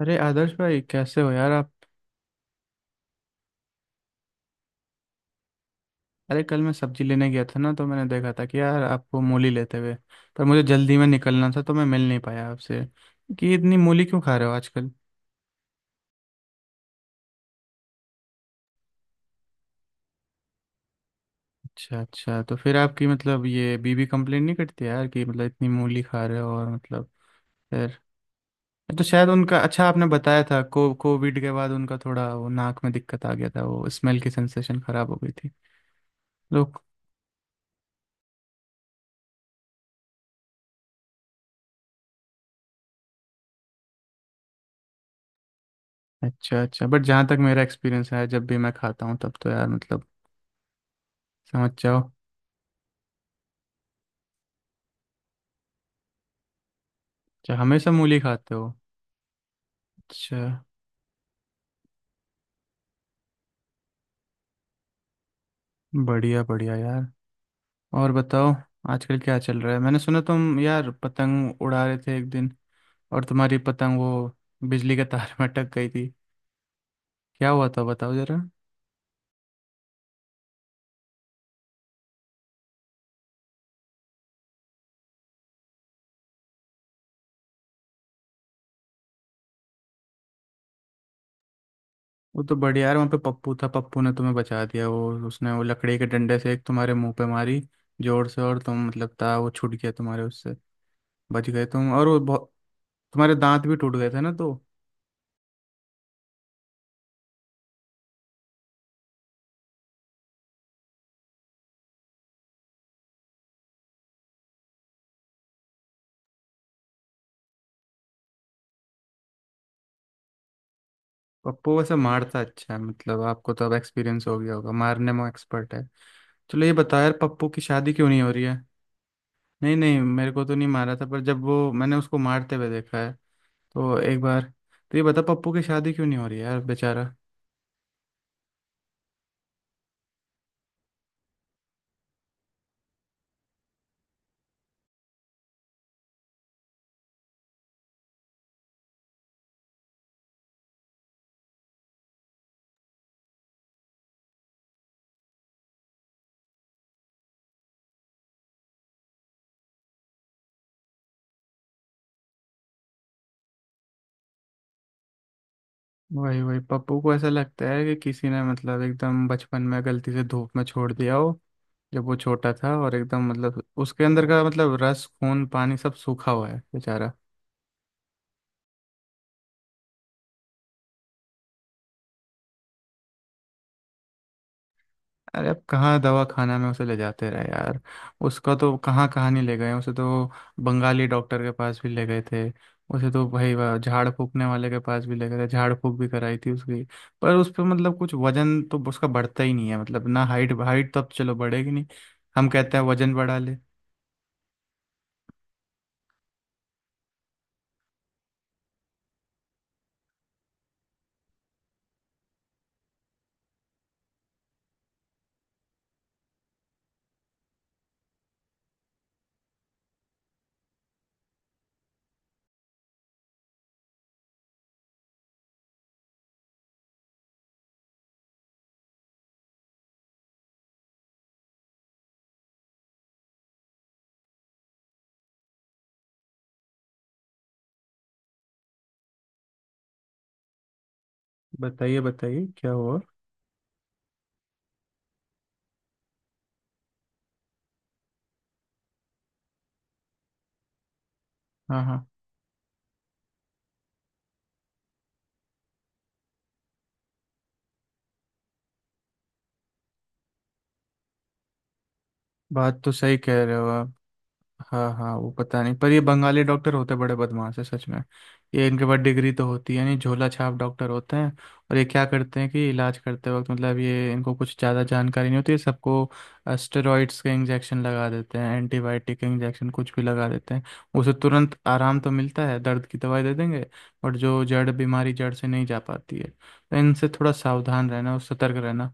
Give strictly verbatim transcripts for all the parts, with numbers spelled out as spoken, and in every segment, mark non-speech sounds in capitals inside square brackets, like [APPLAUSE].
अरे आदर्श भाई, कैसे हो यार आप? अरे कल मैं सब्जी लेने गया था ना, तो मैंने देखा था कि यार आपको मूली लेते हुए। पर मुझे जल्दी में निकलना था, तो मैं मिल नहीं पाया आपसे कि इतनी मूली क्यों खा रहे हो आजकल। अच्छा अच्छा, तो फिर आपकी मतलब ये बीबी कंप्लेन नहीं करती यार, कि मतलब इतनी मूली खा रहे हो और मतलब फिर, तो शायद उनका, अच्छा आपने बताया था को कोविड के बाद उनका थोड़ा वो, नाक में दिक्कत आ गया था, वो स्मेल की सेंसेशन खराब हो गई थी। लोग। अच्छा अच्छा, बट जहाँ तक मेरा एक्सपीरियंस है, जब भी मैं खाता हूँ तब तो यार मतलब समझ जाओ। अच्छा, हमेशा मूली खाते हो? अच्छा, बढ़िया बढ़िया यार। और बताओ, आजकल क्या चल रहा है? मैंने सुना तुम यार पतंग उड़ा रहे थे एक दिन, और तुम्हारी पतंग वो बिजली के तार [LAUGHS] में अटक गई थी। क्या हुआ था बताओ जरा। वो तो बढ़िया यार, वहाँ पे पप्पू था, पप्पू ने तुम्हें बचा दिया, वो उसने वो लकड़ी के डंडे से एक तुम्हारे मुंह पे मारी जोर से, और तुम मतलब था वो छूट गया तुम्हारे उससे, बच गए तुम। और वो बहुत, तुम्हारे दांत भी टूट गए थे ना तो। पप्पू वैसे मारता अच्छा है, मतलब आपको तो अब एक्सपीरियंस हो गया होगा, मारने में एक्सपर्ट है। चलो, ये बताओ यार, पप्पू की शादी क्यों नहीं हो रही है? नहीं नहीं, मेरे को तो नहीं मारा था, पर जब वो मैंने उसको मारते हुए देखा है, तो एक बार। तो ये बता पप्पू की शादी क्यों नहीं हो रही है यार, बेचारा। वही वही, पप्पू को ऐसा लगता है कि किसी ने मतलब एकदम बचपन में गलती से धूप में छोड़ दिया हो जब वो छोटा था, और एकदम मतलब उसके अंदर का मतलब रस खून पानी सब सूखा हुआ है बेचारा। अरे अब कहाँ दवा खाना में उसे ले जाते रहे यार, उसका तो कहाँ कहाँ नहीं ले गए उसे तो। बंगाली डॉक्टर के पास भी ले गए थे, उसे तो भाई वह झाड़ फूकने वाले के पास भी ले गए थे, झाड़ फूक भी कराई थी उसकी। पर उस पर मतलब कुछ वजन तो उसका बढ़ता ही नहीं है, मतलब ना हाइट, हाइट तो अब चलो बढ़ेगी नहीं, हम कहते हैं वजन बढ़ा ले। बताइए बताइए क्या हुआ। हाँ हाँ, बात तो सही कह रहे हो। हाँ हाँ, वो पता नहीं, पर ये बंगाली डॉक्टर होते बड़े बदमाश है सच में। ये इनके पास डिग्री तो होती है नहीं, झोला छाप डॉक्टर होते हैं। और ये क्या करते हैं कि इलाज करते वक्त मतलब ये इनको कुछ ज़्यादा जानकारी नहीं होती है सबको, स्टेरॉइड्स के इंजेक्शन लगा देते हैं, एंटीबायोटिक के इंजेक्शन कुछ भी लगा देते हैं। उसे तुरंत आराम तो मिलता है, दर्द की दवाई दे देंगे, बट जो जड़ बीमारी जड़ से नहीं जा पाती है, तो इनसे थोड़ा सावधान रहना और सतर्क रहना।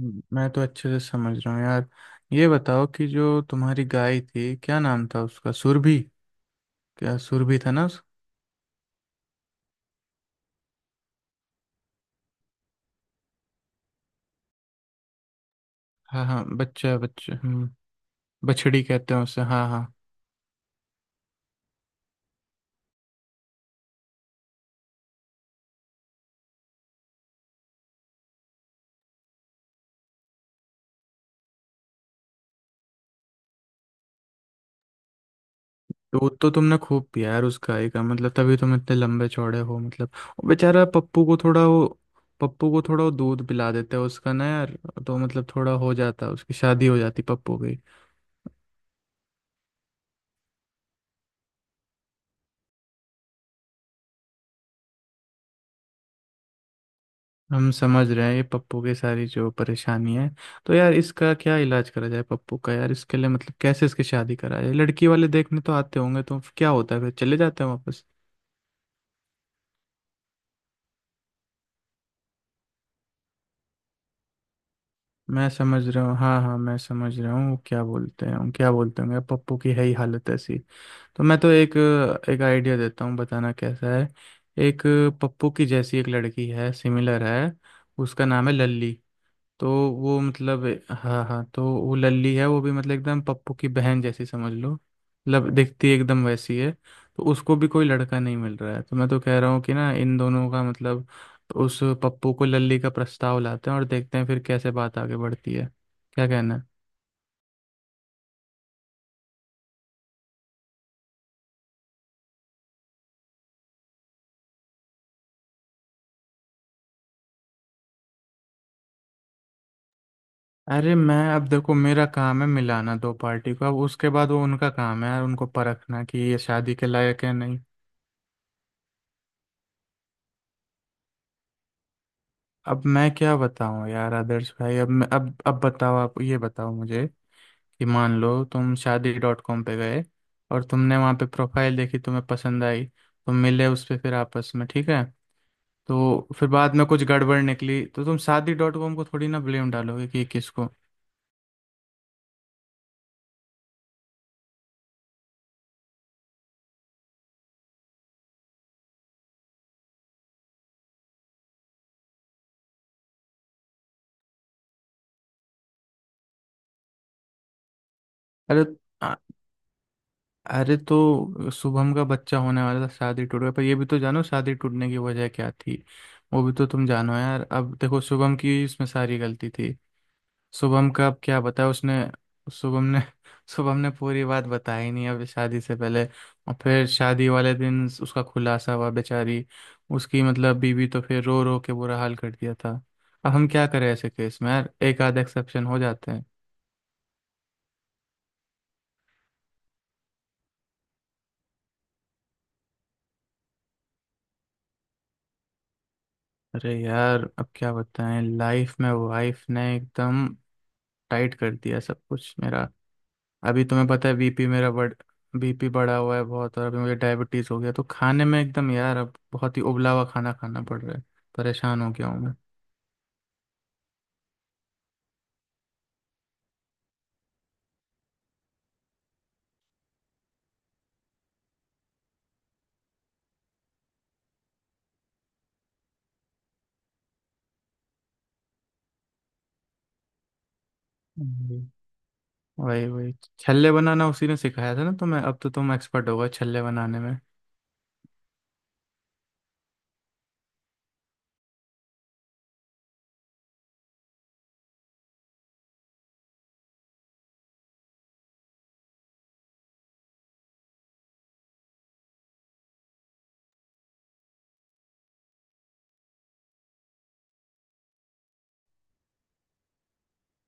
हम्म, मैं तो अच्छे से समझ रहा हूँ यार। ये बताओ कि जो तुम्हारी गाय थी क्या नाम था उसका, सुरभि? क्या सुरभि था ना उस। हाँ हाँ, बच्चा बच्चा, हम्म। बछड़ी कहते हैं उसे, हाँ हाँ। दूध तो तुमने खूब पिया यार उस गाय का, मतलब तभी तुम इतने लंबे चौड़े हो। मतलब वो बेचारा पप्पू को थोड़ा वो, पप्पू को थोड़ा वो दूध पिला देता है उसका ना यार, तो मतलब थोड़ा हो जाता, उसकी शादी हो जाती पप्पू की। हम समझ रहे हैं, ये पप्पू की सारी जो परेशानी है। तो यार, इसका क्या इलाज करा जाए पप्पू का यार? इसके लिए मतलब कैसे इसकी शादी करा जाए? लड़की वाले देखने तो आते होंगे, तो क्या होता है फिर चले जाते हैं वापस? मैं समझ रहा हूँ, हाँ हाँ, मैं समझ रहा हूँ क्या बोलते हैं, क्या बोलते होंगे, पप्पू की है ही हालत ऐसी। तो मैं तो एक, एक आइडिया देता हूँ, बताना कैसा है। एक पप्पू की जैसी एक लड़की है, सिमिलर है, उसका नाम है लल्ली। तो वो मतलब, हाँ हाँ, तो वो लल्ली है, वो भी मतलब एकदम पप्पू की बहन जैसी समझ लो, मतलब दिखती एकदम वैसी है। तो उसको भी कोई लड़का नहीं मिल रहा है, तो मैं तो कह रहा हूँ कि ना इन दोनों का मतलब उस पप्पू को लल्ली का प्रस्ताव लाते हैं, और देखते हैं फिर कैसे बात आगे बढ़ती है। क्या कहना है? अरे मैं, अब देखो, मेरा काम है मिलाना दो पार्टी को, अब उसके बाद वो उनका काम है यार, उनको परखना कि ये शादी के लायक है नहीं। अब मैं क्या बताऊं यार आदर्श भाई, अब मैं अब अब बताओ आप, ये बताओ मुझे कि मान लो तुम शादी डॉट कॉम पे गए, और तुमने वहाँ पे प्रोफाइल देखी, तुम्हें पसंद आई, तुम मिले उस पे, फिर आपस में ठीक है। तो फिर बाद में कुछ गड़बड़ निकली, तो तुम शादी डॉट कॉम को थोड़ी ना ब्लेम डालोगे कि ये किसको। अरे अ- अरे तो शुभम का बच्चा होने वाला था, शादी टूट गया, पर ये भी तो जानो शादी टूटने की वजह क्या थी। वो भी तो तुम जानो यार, अब देखो शुभम की इसमें सारी गलती थी। शुभम का अब क्या बताया उसने? शुभम ने [LAUGHS] शुभम ने पूरी बात बताई नहीं अब शादी से पहले, और फिर शादी वाले दिन उसका खुलासा हुआ। बेचारी उसकी मतलब बीवी तो फिर रो रो के बुरा हाल कर दिया था। अब हम क्या करें ऐसे केस में यार, एक आध एक्सेप्शन हो जाते हैं। अरे यार अब क्या बताएं, लाइफ में वाइफ ने एकदम टाइट कर दिया सब कुछ मेरा। अभी तुम्हें पता है, बीपी मेरा बढ़, बीपी बढ़ा हुआ है बहुत, और अभी मुझे डायबिटीज हो गया, तो खाने में एकदम यार अब बहुत ही उबला हुआ खाना खाना पड़ रहा है। परेशान हो गया हूँ मैं। जी। वही वही, छल्ले बनाना उसी ने सिखाया था ना तुम्हें, अब तो तुम एक्सपर्ट हो गए छल्ले बनाने में।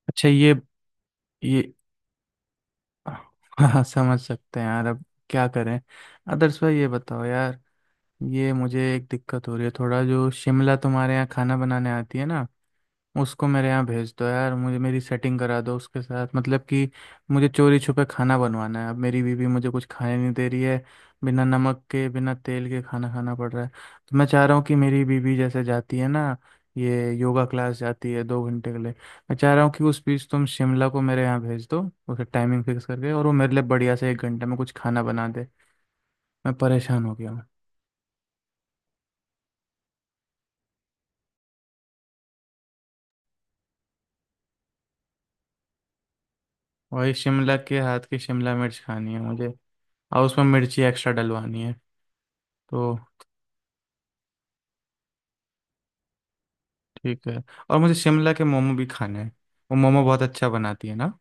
अच्छा, ये ये [LAUGHS] हाँ, समझ सकते हैं यार, अब क्या करें। आदर्श भाई, ये बताओ यार, ये मुझे एक दिक्कत हो रही है थोड़ा। जो शिमला तुम्हारे यहाँ खाना बनाने आती है ना, उसको मेरे यहाँ भेज दो यार, मुझे मेरी सेटिंग करा दो उसके साथ, मतलब कि मुझे चोरी छुपे खाना बनवाना है। अब मेरी बीवी मुझे कुछ खाने नहीं दे रही है, बिना नमक के बिना तेल के खाना खाना पड़ रहा है। तो मैं चाह रहा हूँ कि मेरी बीवी जैसे जाती है ना, ये योगा क्लास जाती है दो घंटे के लिए, मैं चाह रहा हूँ कि उस बीच तुम शिमला को मेरे यहाँ भेज दो, उसका टाइमिंग फिक्स करके, और वो मेरे लिए बढ़िया से एक घंटे में कुछ खाना बना दे। मैं परेशान हो गया हूँ। वही शिमला के हाथ की शिमला मिर्च खानी है मुझे, और उसमें मिर्ची एक्स्ट्रा डलवानी है। तो ठीक है। और मुझे शिमला के मोमो भी खाने हैं, वो मोमो बहुत अच्छा बनाती है ना।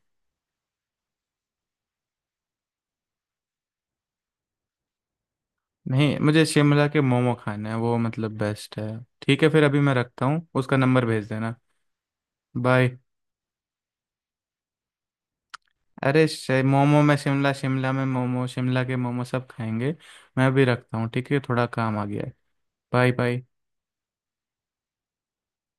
नहीं, मुझे शिमला के मोमो खाने हैं, वो मतलब बेस्ट है। ठीक है, फिर अभी मैं रखता हूँ, उसका नंबर भेज देना। बाय। अरे शे- मोमो में शिमला, शिमला में मोमो, शिमला के मोमो सब खाएंगे। मैं भी रखता हूँ, ठीक है थोड़ा काम आ गया है। Bye bye.